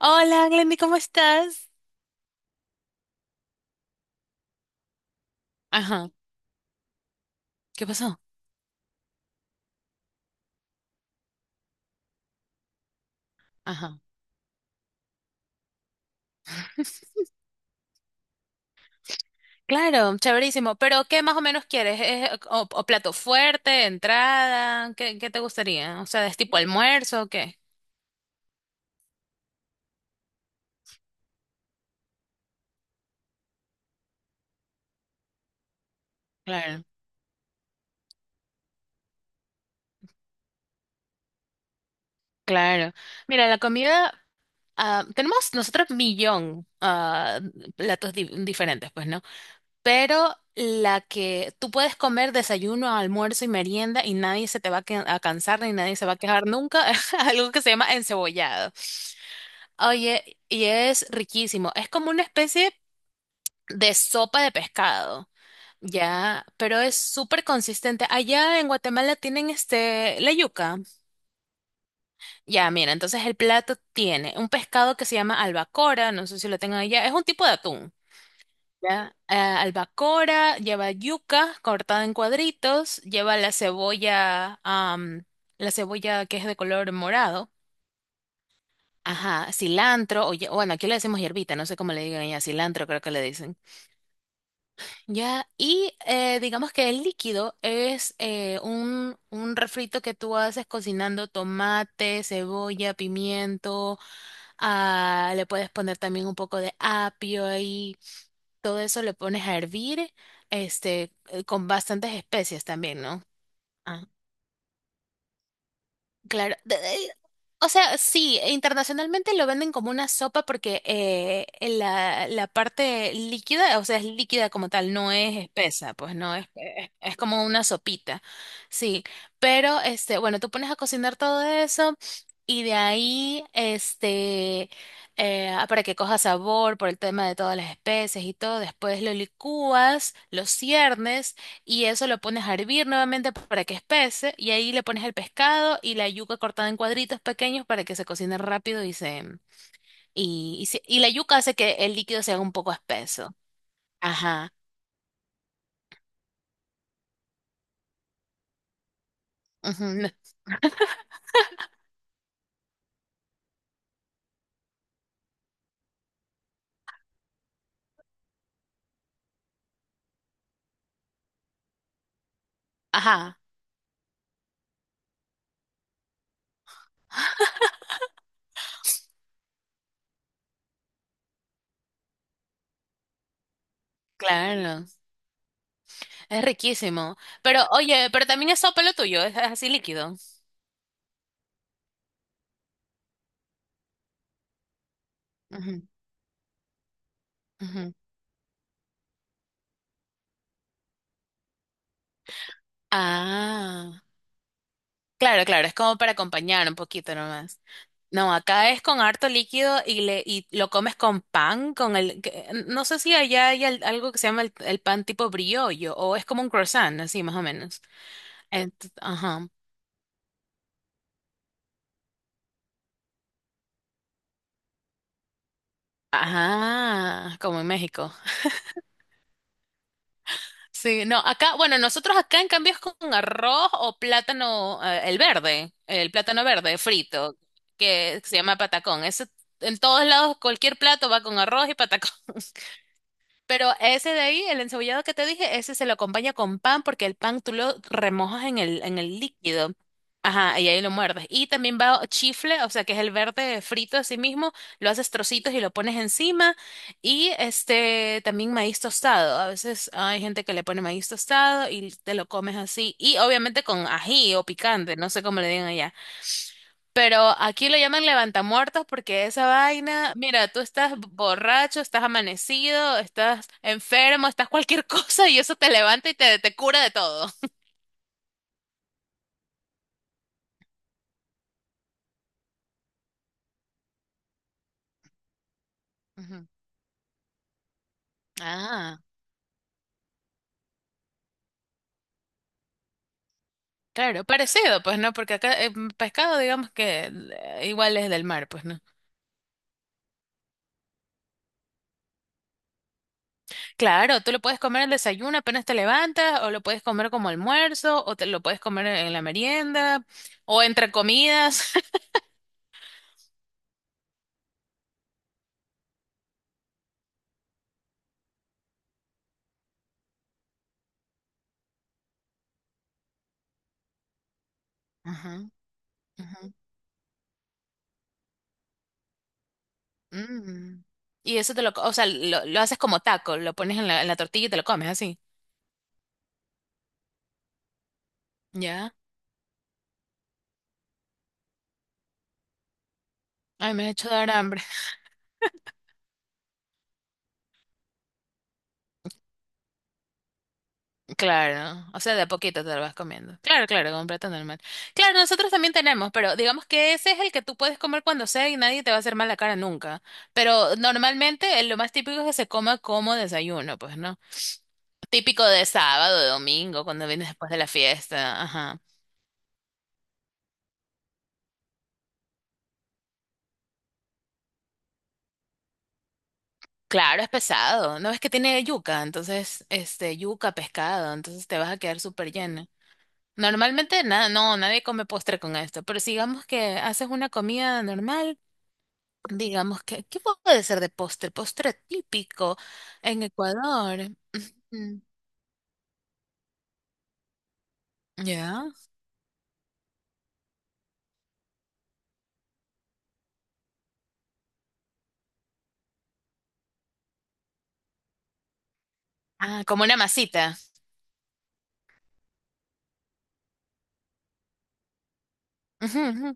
Hola, Glendy, ¿cómo estás? Ajá, ¿qué pasó? Ajá. Claro, chéverísimo. Pero, ¿qué más o menos quieres? ¿Es, o plato fuerte, entrada? ¿Qué te gustaría? O sea, ¿es tipo almuerzo o qué? Claro, claro. Mira, la comida, tenemos nosotros millón platos diferentes, pues, ¿no? Pero la que tú puedes comer desayuno, almuerzo y merienda y nadie se te va a cansar ni nadie se va a quejar nunca, es algo que se llama encebollado. Oye, y es riquísimo. Es como una especie de sopa de pescado, ya, pero es súper consistente. Allá en Guatemala tienen la yuca. Ya, mira, entonces el plato tiene un pescado que se llama albacora, no sé si lo tengan allá, es un tipo de atún. Ya, albacora, lleva yuca cortada en cuadritos, lleva la cebolla que es de color morado. Ajá, cilantro, bueno, aquí le decimos hierbita, no sé cómo le digan ya, cilantro creo que le dicen. Ya, y digamos que el líquido es un refrito que tú haces cocinando tomate, cebolla, pimiento, le puedes poner también un poco de apio ahí, todo eso le pones a hervir, con bastantes especias también, ¿no? Ah, claro. O sea, sí, internacionalmente lo venden como una sopa porque la parte líquida, o sea, es líquida como tal, no es espesa, pues no es, es como una sopita, sí. Pero, bueno, tú pones a cocinar todo eso y de ahí, para que coja sabor por el tema de todas las especies y todo, después lo licúas, lo ciernes y eso lo pones a hervir nuevamente para que espese y ahí le pones el pescado y la yuca cortada en cuadritos pequeños para que se cocine rápido y la yuca hace que el líquido se haga un poco espeso. Ajá. Ujú, no. Ajá. Claro. Es riquísimo. Pero oye, también es sopa lo tuyo, es así líquido. Ujú, ujú. Ah. Claro, claro, es como para acompañar un poquito nomás. No, acá es con harto líquido y lo comes con pan, no sé si allá hay algo que se llama el pan tipo briollo o es como un croissant, así más o menos. Ajá. Ajá, como en México. Sí, no, acá, bueno, nosotros acá en cambio es con arroz o plátano, el verde, el plátano verde frito, que se llama patacón. Eso en todos lados, cualquier plato va con arroz y patacón. Pero ese de ahí, el encebollado que te dije, ese se lo acompaña con pan porque el pan tú lo remojas en el líquido. Ajá, y ahí lo muerdes. Y también va chifle, o sea, que es el verde frito así mismo, lo haces trocitos y lo pones encima. Y también maíz tostado. A veces hay gente que le pone maíz tostado y te lo comes así. Y obviamente con ají o picante, no sé cómo le digan allá. Pero aquí lo llaman levantamuertos porque esa vaina, mira, tú estás borracho, estás amanecido, estás enfermo, estás cualquier cosa y eso te levanta y te cura de todo. Ujú. Ah, claro, parecido, pues no, porque acá pescado, digamos que igual es del mar, pues no. Claro, tú lo puedes comer al desayuno apenas te levantas, o lo puedes comer como almuerzo, o te lo puedes comer en la merienda, o entre comidas. Ajá, ajá. Mm. Y eso o sea, lo haces como taco, lo pones en la tortilla y te lo comes así. Ya. Ay, me has hecho dar hambre. Claro, o sea, de a poquito te lo vas comiendo. Claro, claro, con plato normal. Claro, nosotros también tenemos, pero digamos que ese es el que tú puedes comer cuando sea y nadie te va a hacer mal la cara nunca. Pero normalmente lo más típico es que se coma como desayuno, pues, ¿no? Típico de sábado, de domingo, cuando vienes después de la fiesta. Claro, es pesado. No es que tiene yuca, entonces, yuca, pescado, entonces te vas a quedar súper lleno. Normalmente, nada, no, nadie come postre con esto, pero si digamos que haces una comida normal, digamos que, ¿qué puede ser de postre? Postre típico en Ecuador. Mm. Ya. Ah, como una masita. Ujú, ujú.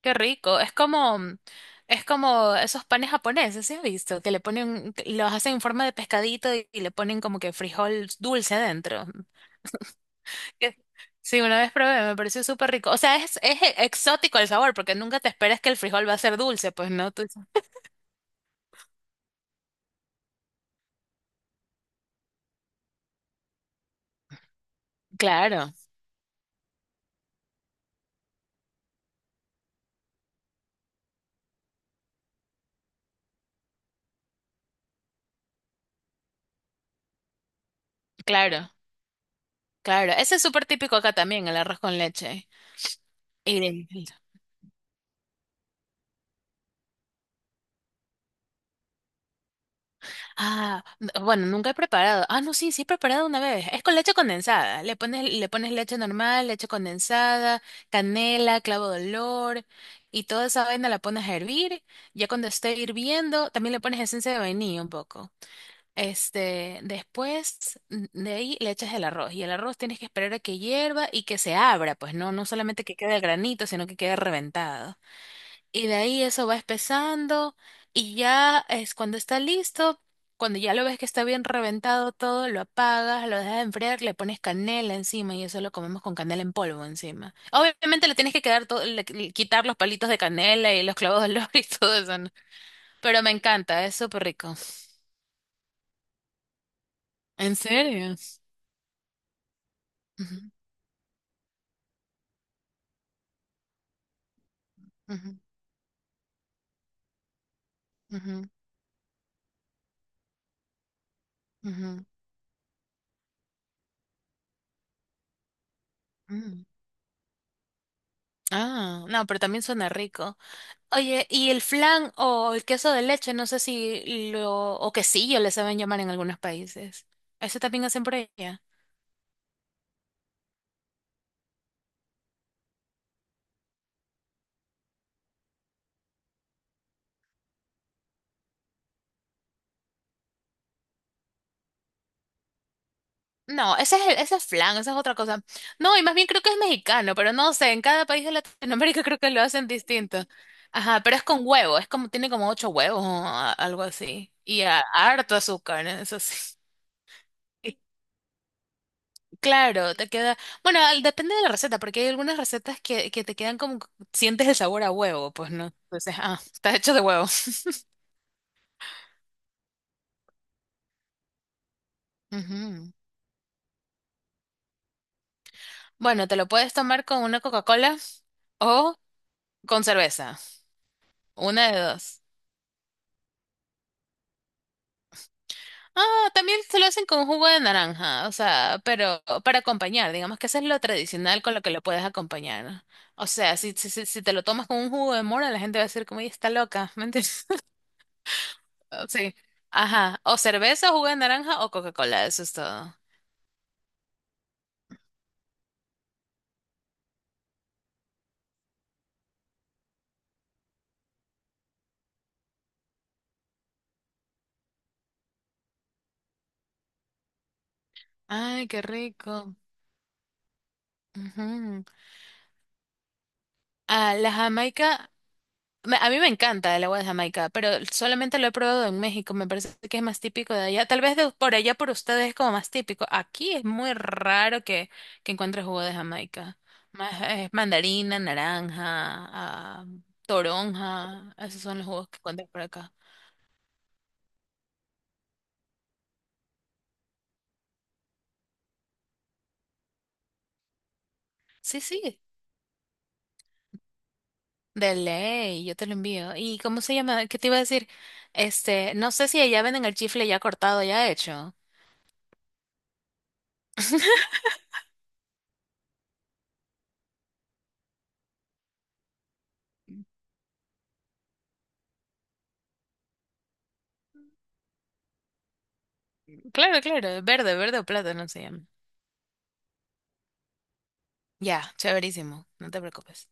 Qué rico. Es como, es como esos panes japoneses, ¿sí has visto? Que le ponen, que los hacen en forma de pescadito y le ponen como que frijol dulce adentro. que- Sí, una vez probé, me pareció súper rico. O sea, es exótico el sabor, porque nunca te esperas que el frijol va a ser dulce, pues no. Tú dices. Claro, claro, claro. Ese es súper típico acá también, el arroz con leche. Y de- bueno, nunca he preparado. Ah, no, sí, sí he preparado una vez. Es con leche condensada. Le pones leche normal, leche condensada, canela, clavo de olor y toda esa vaina la pones a hervir. Ya cuando esté hirviendo, también le pones esencia de vainilla un poco. Después, de ahí le echas el arroz y el arroz tienes que esperar a que hierva y que se abra, pues no, no solamente que quede el granito, sino que quede reventado. Y de ahí eso va espesando y ya es cuando está listo, cuando ya lo ves que está bien reventado todo, lo apagas, lo dejas enfriar, le pones canela encima y eso lo comemos con canela en polvo encima. Obviamente le tienes que quedar todo, quitar los palitos de canela y los clavos de olor y todo eso, ¿no? Pero me encanta, es súper rico. ¿En serio? Ujú, ujú. Ujú, ujú, mm. Ah, no, pero también suena rico. Oye, y el flan o el queso de leche, no sé si o quesillo le saben llamar en algunos países. ¿Ese también hacen por allá? No, ese es flan, esa es otra cosa. No, y más bien creo que es mexicano, pero no sé, en cada país de Latinoamérica creo que lo hacen distinto. Ajá, pero es con huevo, es como, tiene como ocho huevos o algo así. Y harto azúcar, ¿no? Eso sí. Claro, te queda. Bueno, depende de la receta, porque hay algunas recetas que te quedan como que sientes el sabor a huevo, pues no. Entonces, está hecho de huevo. Ujú. Bueno, te lo puedes tomar con una Coca-Cola o con cerveza. Una de dos. Ah, también se lo hacen con jugo de naranja, o sea, pero para acompañar, digamos que eso es lo tradicional con lo que lo puedes acompañar. O sea, si te lo tomas con un jugo de mora, la gente va a decir como, ella está loca, ¿me entiendes? Sí. Ajá. O cerveza, jugo de naranja o Coca-Cola. Eso es todo. Ay, qué rico. Ujú. Ah, la Jamaica. A mí me encanta el agua de Jamaica, pero solamente lo he probado en México. Me parece que es más típico de allá. Tal vez por allá por ustedes es como más típico. Aquí es muy raro que, encuentres jugo de Jamaica. Más, es mandarina, naranja, toronja. Esos son los jugos que encuentras por acá. Sí, sí. De ley, yo te lo envío. ¿Y cómo se llama? ¿Qué te iba a decir? No sé si allá venden el chifle ya cortado, ya hecho. Claro, claro, verde, verde o plátano se llama. Ya, chéverísimo, no te preocupes.